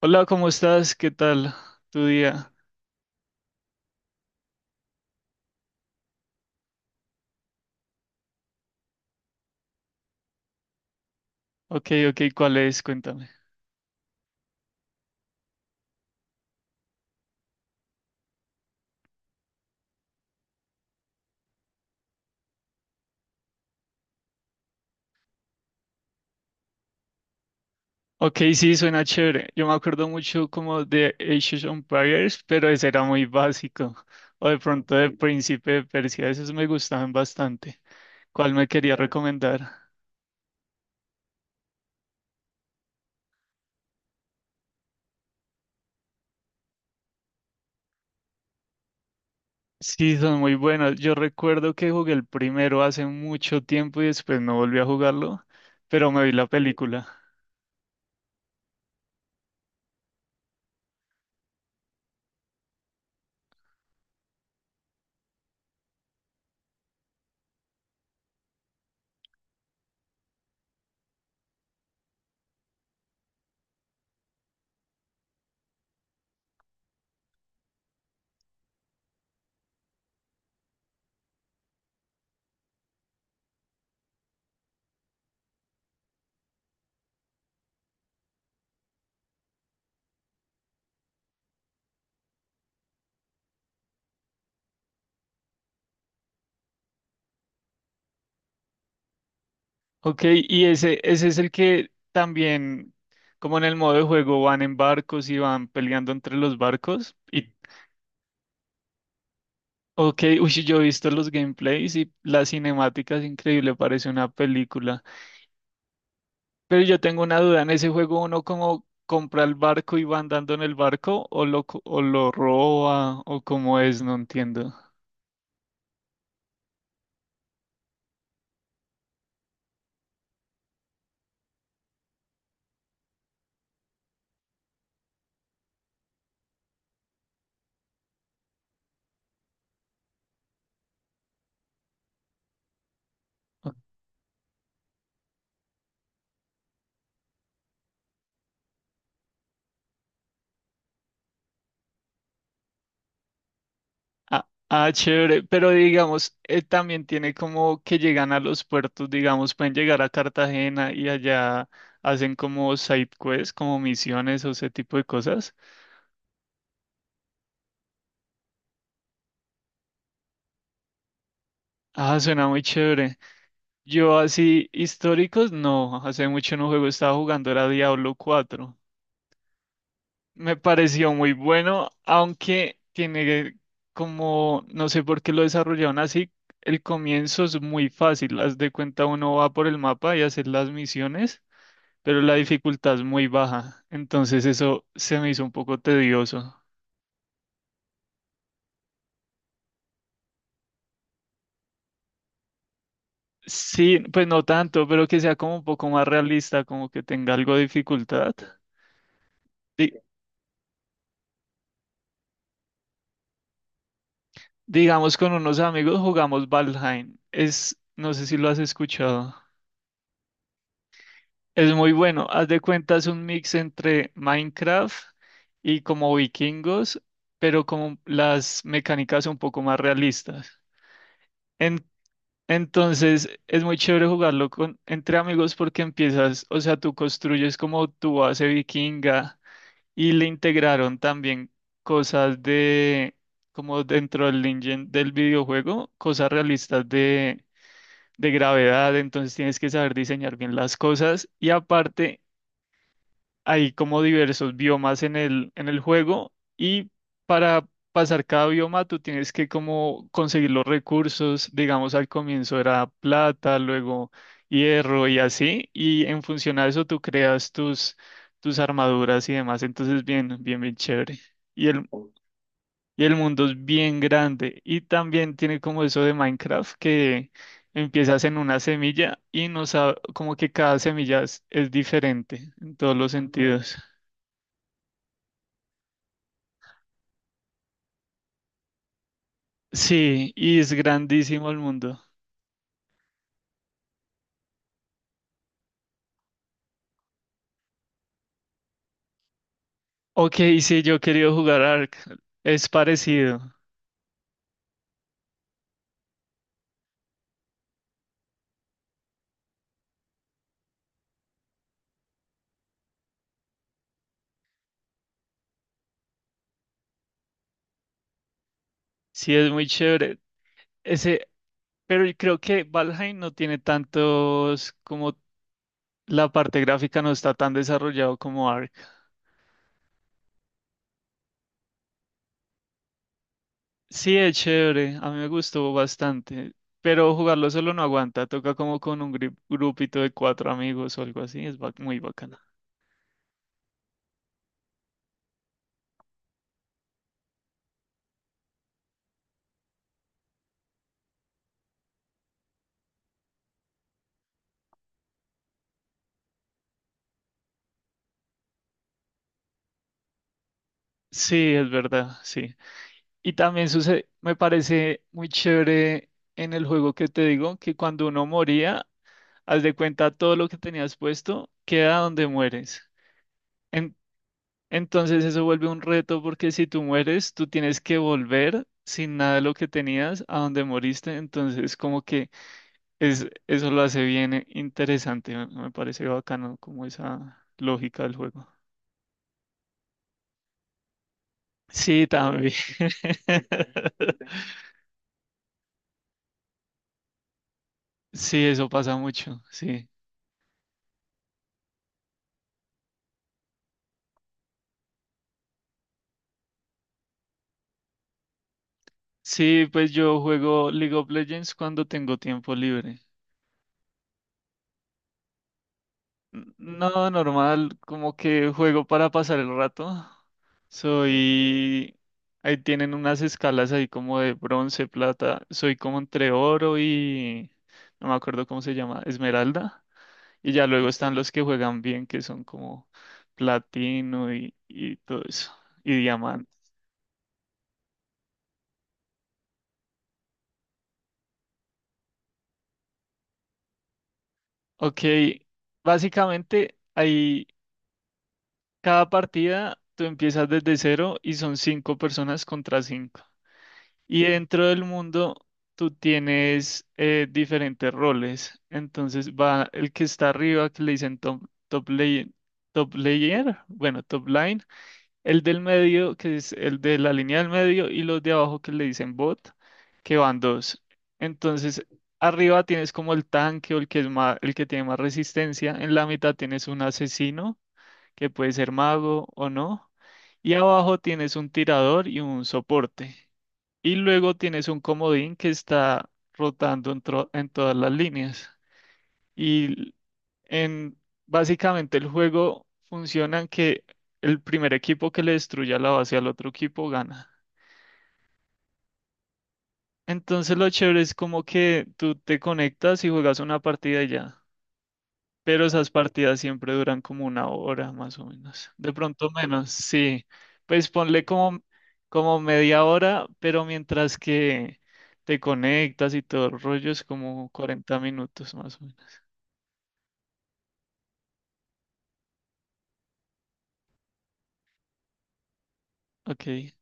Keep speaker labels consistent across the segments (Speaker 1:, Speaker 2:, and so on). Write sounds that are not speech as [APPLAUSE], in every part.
Speaker 1: Hola, ¿cómo estás? ¿Qué tal tu día? Ok, ok, ¿cuál es? Cuéntame. Ok, sí, suena chévere. Yo me acuerdo mucho como de Age of Empires, pero ese era muy básico. O de pronto de Príncipe de Persia, esos me gustaban bastante. ¿Cuál me quería recomendar? Sí, son muy buenos. Yo recuerdo que jugué el primero hace mucho tiempo y después no volví a jugarlo, pero me vi la película. Ok, y ese es el que también, como en el modo de juego, van en barcos y van peleando entre los barcos. Ok, [LAUGHS] uy, yo he visto los gameplays y las cinemáticas, increíble, parece una película. Pero yo tengo una duda, ¿en ese juego uno como compra el barco y va andando en el barco o o lo roba o cómo es? No entiendo. Ah, ah, chévere, pero digamos, también tiene como que llegan a los puertos, digamos, pueden llegar a Cartagena y allá hacen como side quests, como misiones o ese tipo de cosas. Ah, suena muy chévere. Yo así históricos, no, hace mucho no juego, estaba jugando era Diablo 4. Me pareció muy bueno, aunque tiene como, no sé por qué lo desarrollaron así, el comienzo es muy fácil, haz de cuenta uno va por el mapa y hacer las misiones, pero la dificultad es muy baja, entonces eso se me hizo un poco tedioso. Sí, pues no tanto, pero que sea como un poco más realista, como que tenga algo de dificultad. Di- digamos, con unos amigos jugamos Valheim, es, no sé si lo has escuchado. Es muy bueno. Haz de cuenta, es un mix entre Minecraft y como vikingos, pero como las mecánicas un poco más realistas. En- entonces, es muy chévere jugarlo con, entre amigos porque empiezas, o sea, tú construyes como tu base vikinga y le integraron también cosas de, como dentro del engine del videojuego, cosas realistas de gravedad, entonces tienes que saber diseñar bien las cosas y aparte hay como diversos biomas en el juego y para pasar cada bioma tú tienes que como conseguir los recursos, digamos al comienzo era plata, luego hierro y así, y en función a eso tú creas tus armaduras y demás, entonces bien, bien, bien chévere. Y el, y el mundo es bien grande y también tiene como eso de Minecraft que empiezas en una semilla y no sabe como que cada semilla es diferente en todos los sentidos. Sí, y es grandísimo el mundo. Ok, sí, yo he querido jugar Ark. Es parecido. Sí, es muy chévere. Ese, pero yo creo que Valheim no tiene tantos, como la parte gráfica no está tan desarrollado como Ark. Sí, es chévere. A mí me gustó bastante. Pero jugarlo solo no aguanta. Toca como con un grupito de cuatro amigos o algo así. Muy bacana. Sí, es verdad, sí. Y también sucede, me parece muy chévere en el juego que te digo, que cuando uno moría, haz de cuenta todo lo que tenías puesto queda donde mueres. En- entonces eso vuelve un reto porque si tú mueres, tú tienes que volver sin nada de lo que tenías a donde moriste. Entonces como que es, eso lo hace bien interesante. Me parece bacano como esa lógica del juego. Sí, claro, también. [LAUGHS] Sí, eso pasa mucho, sí. Sí, pues yo juego League of Legends cuando tengo tiempo libre. No, normal, como que juego para pasar el rato. Soy... Ahí tienen unas escalas ahí como de bronce, plata. Soy como entre oro y... No me acuerdo cómo se llama, esmeralda. Y ya luego están los que juegan bien, que son como platino y todo eso. Y diamante. Ok, básicamente ahí... Cada partida tú empiezas desde cero y son cinco personas contra cinco. Y dentro del mundo tú tienes diferentes roles. Entonces va el que está arriba, que le dicen top, top lane- top layer, bueno, top line, el del medio, que es el de la línea del medio, y los de abajo que le dicen bot, que van dos. Entonces, arriba tienes como el tanque o el que es más, el que tiene más resistencia. En la mitad tienes un asesino que puede ser mago o no. Y abajo tienes un tirador y un soporte. Y luego tienes un comodín que está rotando en todas las líneas. Y en Básicamente el juego funciona en que el primer equipo que le destruya la base al otro equipo gana. Entonces lo chévere es como que tú te conectas y juegas una partida y ya. Pero esas partidas siempre duran como una hora más o menos. De pronto menos, sí. Pues ponle como, como media hora, pero mientras que te conectas y todo el rollo es como 40 minutos más o menos. Ok.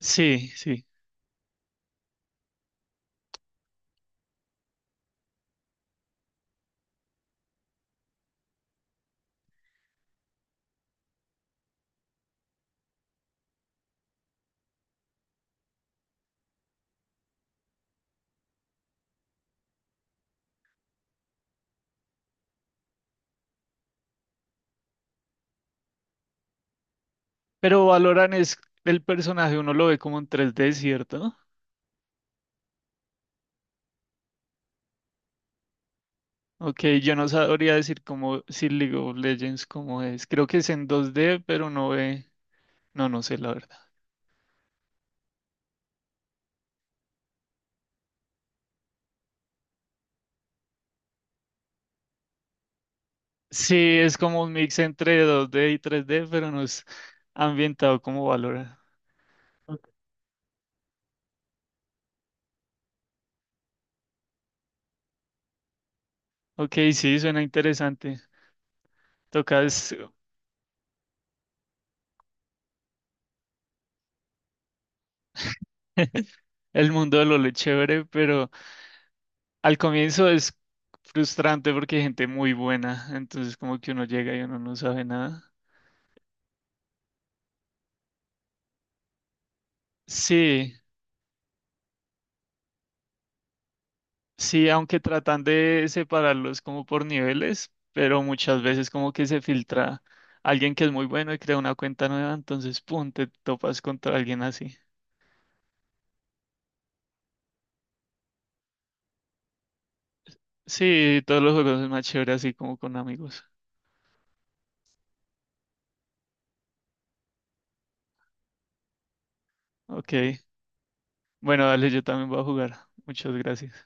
Speaker 1: Sí, sí. Pero Valorant es el personaje, uno lo ve como en 3D, ¿cierto? Ok, yo no sabría decir cómo, si League of Legends cómo es. Creo que es en 2D, pero no ve. No, no sé, la verdad. Sí, es como un mix entre 2D y 3D, pero no es ambientado como Valorant. Ok. Ok, sí, suena interesante. Tocas [LAUGHS] el mundo de LoL es chévere, pero al comienzo es frustrante porque hay gente muy buena, entonces como que uno llega y uno no sabe nada. Sí, sí, aunque tratan de separarlos como por niveles, pero muchas veces como que se filtra alguien que es muy bueno y crea una cuenta nueva, entonces pum, te topas contra alguien así. Sí, todos los juegos es más chévere así como con amigos. Ok. Bueno, dale, yo también voy a jugar. Muchas gracias.